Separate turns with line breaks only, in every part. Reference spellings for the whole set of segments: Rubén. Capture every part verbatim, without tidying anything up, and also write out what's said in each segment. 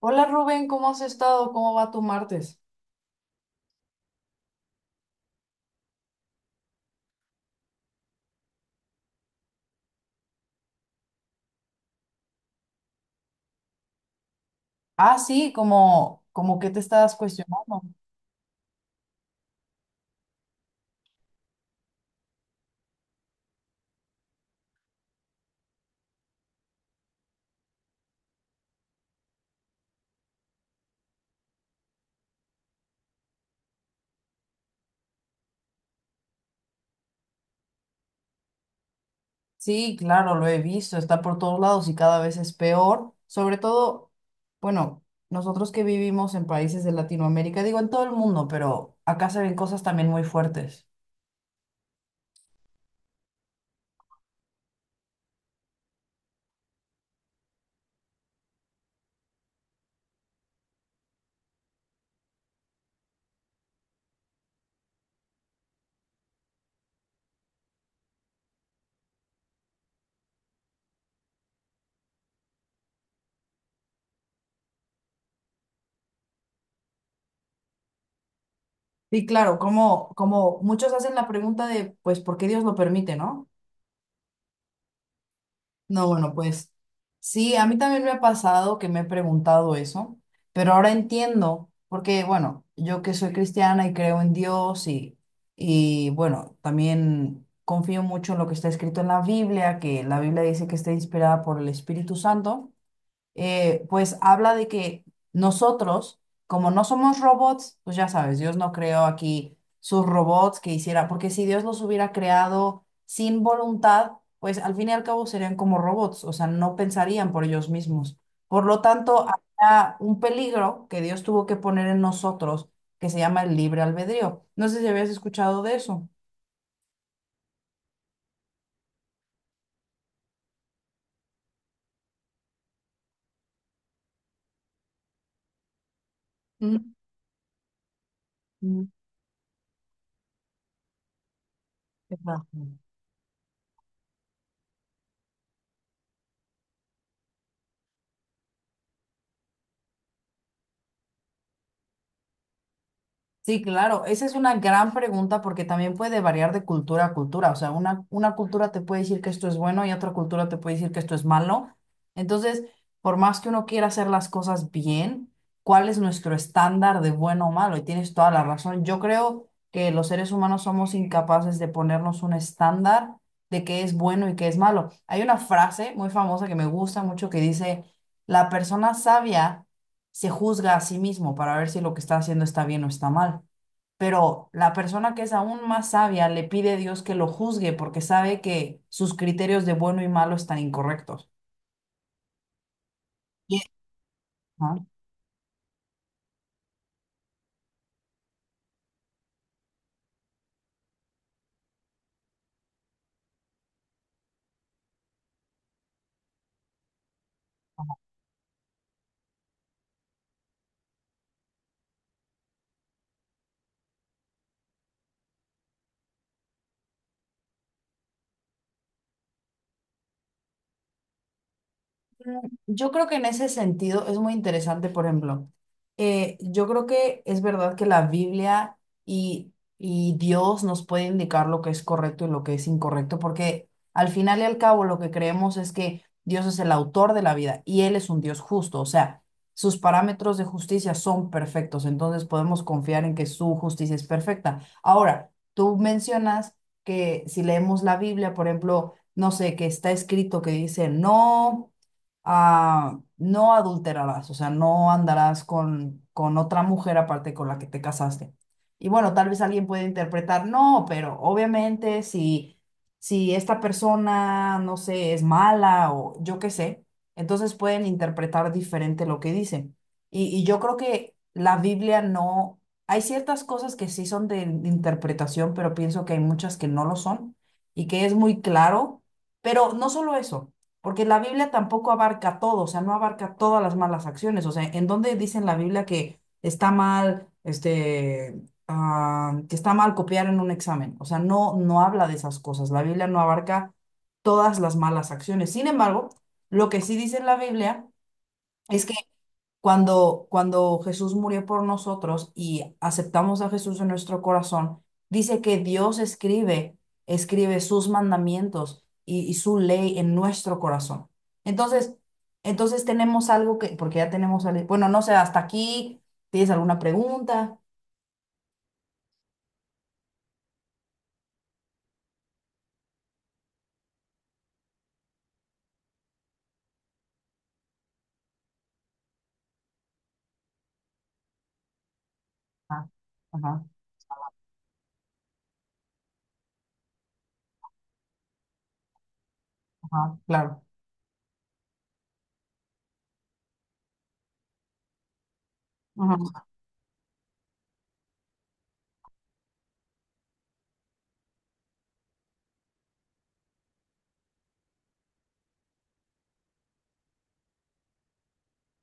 Hola Rubén, ¿cómo has estado? ¿Cómo va tu martes? Ah, sí, como, como que te estás cuestionando. Sí, claro, lo he visto, está por todos lados y cada vez es peor. Sobre todo, bueno, nosotros que vivimos en países de Latinoamérica, digo en todo el mundo, pero acá se ven cosas también muy fuertes. Sí, claro, como, como muchos hacen la pregunta de, pues, ¿por qué Dios lo permite, no? No, bueno, pues sí, a mí también me ha pasado que me he preguntado eso, pero ahora entiendo, porque bueno, yo que soy cristiana y creo en Dios y, y bueno, también confío mucho en lo que está escrito en la Biblia, que la Biblia dice que está inspirada por el Espíritu Santo eh, pues habla de que nosotros, como no somos robots, pues ya sabes, Dios no creó aquí sus robots que hiciera, porque si Dios los hubiera creado sin voluntad, pues al fin y al cabo serían como robots, o sea, no pensarían por ellos mismos. Por lo tanto, había un peligro que Dios tuvo que poner en nosotros, que se llama el libre albedrío. No sé si habías escuchado de eso. Mm, mm, es verdad. Sí, claro, esa es una gran pregunta porque también puede variar de cultura a cultura. O sea, una, una cultura te puede decir que esto es bueno y otra cultura te puede decir que esto es malo. Entonces, por más que uno quiera hacer las cosas bien, ¿cuál es nuestro estándar de bueno o malo? Y tienes toda la razón. Yo creo que los seres humanos somos incapaces de ponernos un estándar de qué es bueno y qué es malo. Hay una frase muy famosa que me gusta mucho que dice, la persona sabia se juzga a sí mismo para ver si lo que está haciendo está bien o está mal. Pero la persona que es aún más sabia le pide a Dios que lo juzgue porque sabe que sus criterios de bueno y malo están incorrectos. Y, Yo creo que en ese sentido es muy interesante, por ejemplo, eh, yo creo que es verdad que la Biblia y, y Dios nos puede indicar lo que es correcto y lo que es incorrecto, porque al final y al cabo lo que creemos es que Dios es el autor de la vida y Él es un Dios justo, o sea, sus parámetros de justicia son perfectos, entonces podemos confiar en que su justicia es perfecta. Ahora, tú mencionas que si leemos la Biblia, por ejemplo, no sé, que está escrito que dice no ah, no adulterarás, o sea, no andarás con, con otra mujer aparte con la que te casaste. Y bueno, tal vez alguien puede interpretar, no, pero obviamente si, si esta persona, no sé, es mala o yo qué sé, entonces pueden interpretar diferente lo que dice. Y, y yo creo que la Biblia no, hay ciertas cosas que sí son de interpretación, pero pienso que hay muchas que no lo son y que es muy claro. Pero no solo eso. Porque la Biblia tampoco abarca todo, o sea, no abarca todas las malas acciones. O sea, ¿en dónde dice en la Biblia que está mal, este, ah, que está mal copiar en un examen? O sea, no, no habla de esas cosas. La Biblia no abarca todas las malas acciones. Sin embargo, lo que sí dice en la Biblia es que cuando, cuando Jesús murió por nosotros y aceptamos a Jesús en nuestro corazón, dice que Dios escribe, escribe sus mandamientos y, y su ley en nuestro corazón. Entonces, entonces tenemos algo que, porque ya tenemos, algo- bueno, no sé, hasta aquí, ¿tienes alguna pregunta? Ah, ajá, ajá, claro.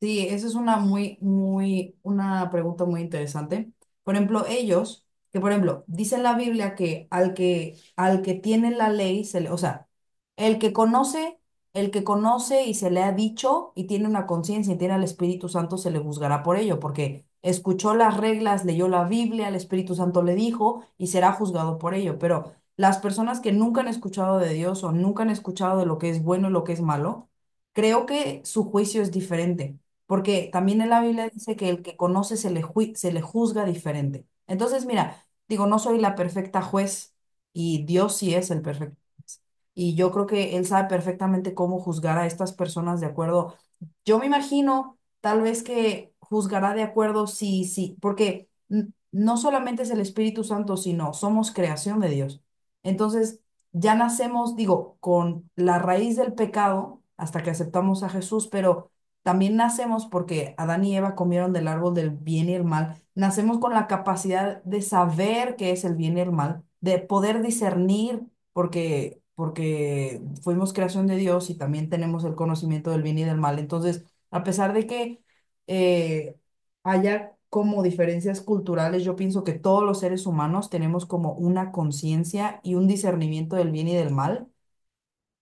Sí, esa es una muy, muy, una pregunta muy interesante. Por ejemplo, ellos, que por ejemplo, dice la Biblia que al que, al que tiene la ley, se le, o sea, el que conoce, el que conoce y se le ha dicho y tiene una conciencia y tiene al Espíritu Santo, se le juzgará por ello, porque escuchó las reglas, leyó la Biblia, el Espíritu Santo le dijo y será juzgado por ello. Pero las personas que nunca han escuchado de Dios o nunca han escuchado de lo que es bueno y lo que es malo, creo que su juicio es diferente. Porque también en la Biblia dice que el que conoce se le, ju- se le juzga diferente. Entonces, mira, digo, no soy la perfecta juez y Dios sí es el perfecto juez. Y yo creo que Él sabe perfectamente cómo juzgar a estas personas de acuerdo. Yo me imagino tal vez que juzgará de acuerdo sí, sí, porque n- no solamente es el Espíritu Santo, sino somos creación de Dios. Entonces, ya nacemos, digo, con la raíz del pecado hasta que aceptamos a Jesús, pero también nacemos porque Adán y Eva comieron del árbol del bien y el mal. Nacemos con la capacidad de saber qué es el bien y el mal, de poder discernir porque porque fuimos creación de Dios y también tenemos el conocimiento del bien y del mal. Entonces, a pesar de que eh, haya como diferencias culturales, yo pienso que todos los seres humanos tenemos como una conciencia y un discernimiento del bien y del mal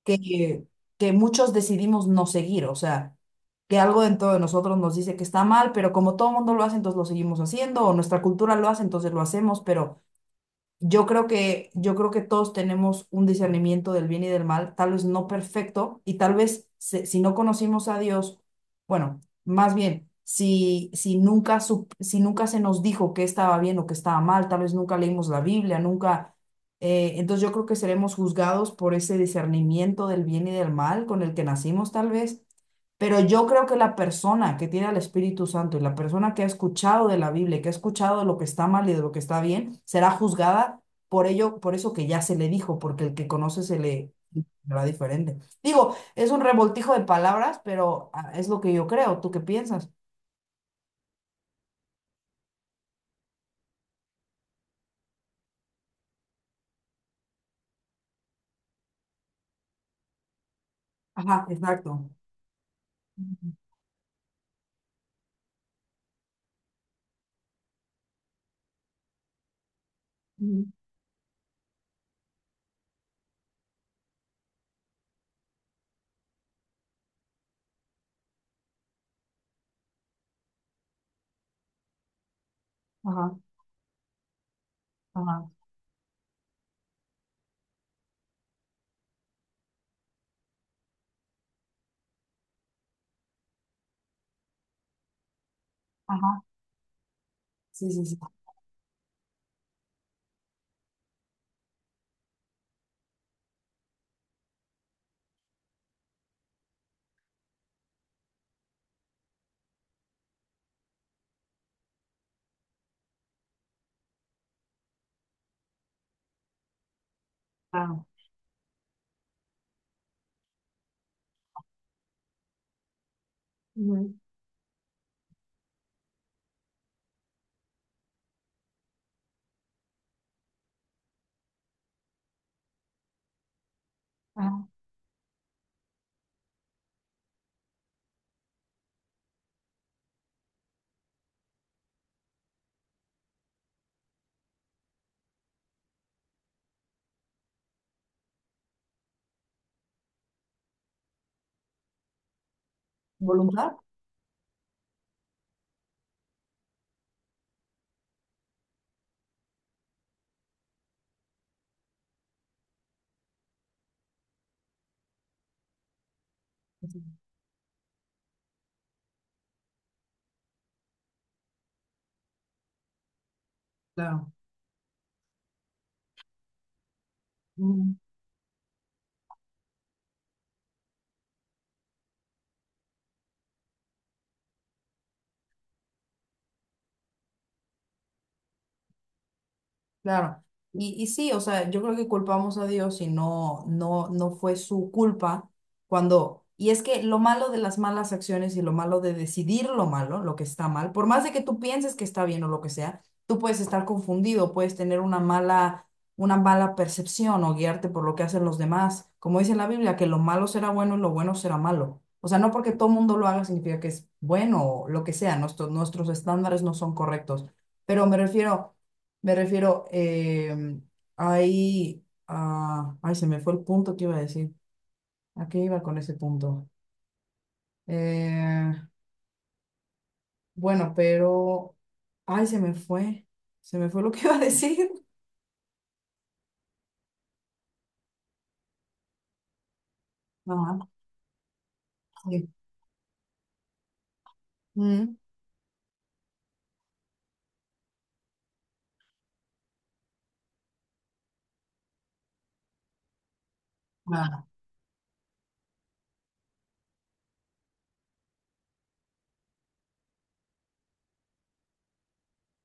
que, que muchos decidimos no seguir, o sea, que algo dentro de nosotros nos dice que está mal, pero como todo el mundo lo hace, entonces lo seguimos haciendo, o nuestra cultura lo hace, entonces lo hacemos, pero yo creo que, yo creo que todos tenemos un discernimiento del bien y del mal, tal vez no perfecto, y tal vez se- si no conocimos a Dios, bueno, más bien, si, si nunca, sup- si nunca se nos dijo que estaba bien o que estaba mal, tal vez nunca leímos la Biblia, nunca... eh, entonces yo creo que seremos juzgados por ese discernimiento del bien y del mal con el que nacimos, tal vez. Pero yo creo que la persona que tiene al Espíritu Santo y la persona que ha escuchado de la Biblia, y que ha escuchado de lo que está mal y de lo que está bien, será juzgada por ello, por eso que ya se le dijo, porque el que conoce se le será diferente. Digo, es un revoltijo de palabras, pero ah, es lo que yo creo. ¿Tú qué piensas? Ajá, exacto. Ujú, ujú, ajá, ajá, ajá. Sí, sí, sí. Claro. Ujú, ajá. ¿Voluntad? Sí, claro. Claro. Y, y sí, o sea, yo creo que culpamos a Dios y no, no, no fue su culpa cuando... Y es que lo malo de las malas acciones y lo malo de decidir lo malo, lo que está mal, por más de que tú pienses que está bien o lo que sea, tú puedes estar confundido, puedes tener una mala, una mala percepción o guiarte por lo que hacen los demás. Como dice la Biblia, que lo malo será bueno y lo bueno será malo. O sea, no porque todo mundo lo haga significa que es bueno o lo que sea, nuestros, nuestros estándares no son correctos. Pero me refiero... Me refiero, eh, ahí, ah, ay, se me fue el punto que iba a decir. ¿A qué iba con ese punto? Eh, bueno, pero, ay, se me fue, se me fue lo que iba a decir. Ajá, sí. Mm, ah,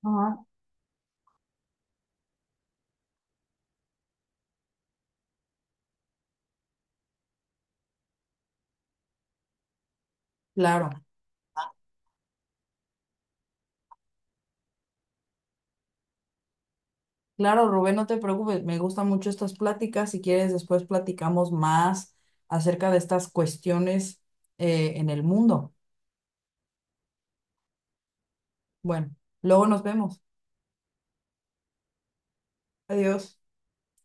ajá, claro, claro, Rubén, no te preocupes, me gustan mucho estas pláticas. Si quieres, después platicamos más acerca de estas cuestiones eh, en el mundo. Bueno, luego nos vemos. Adiós.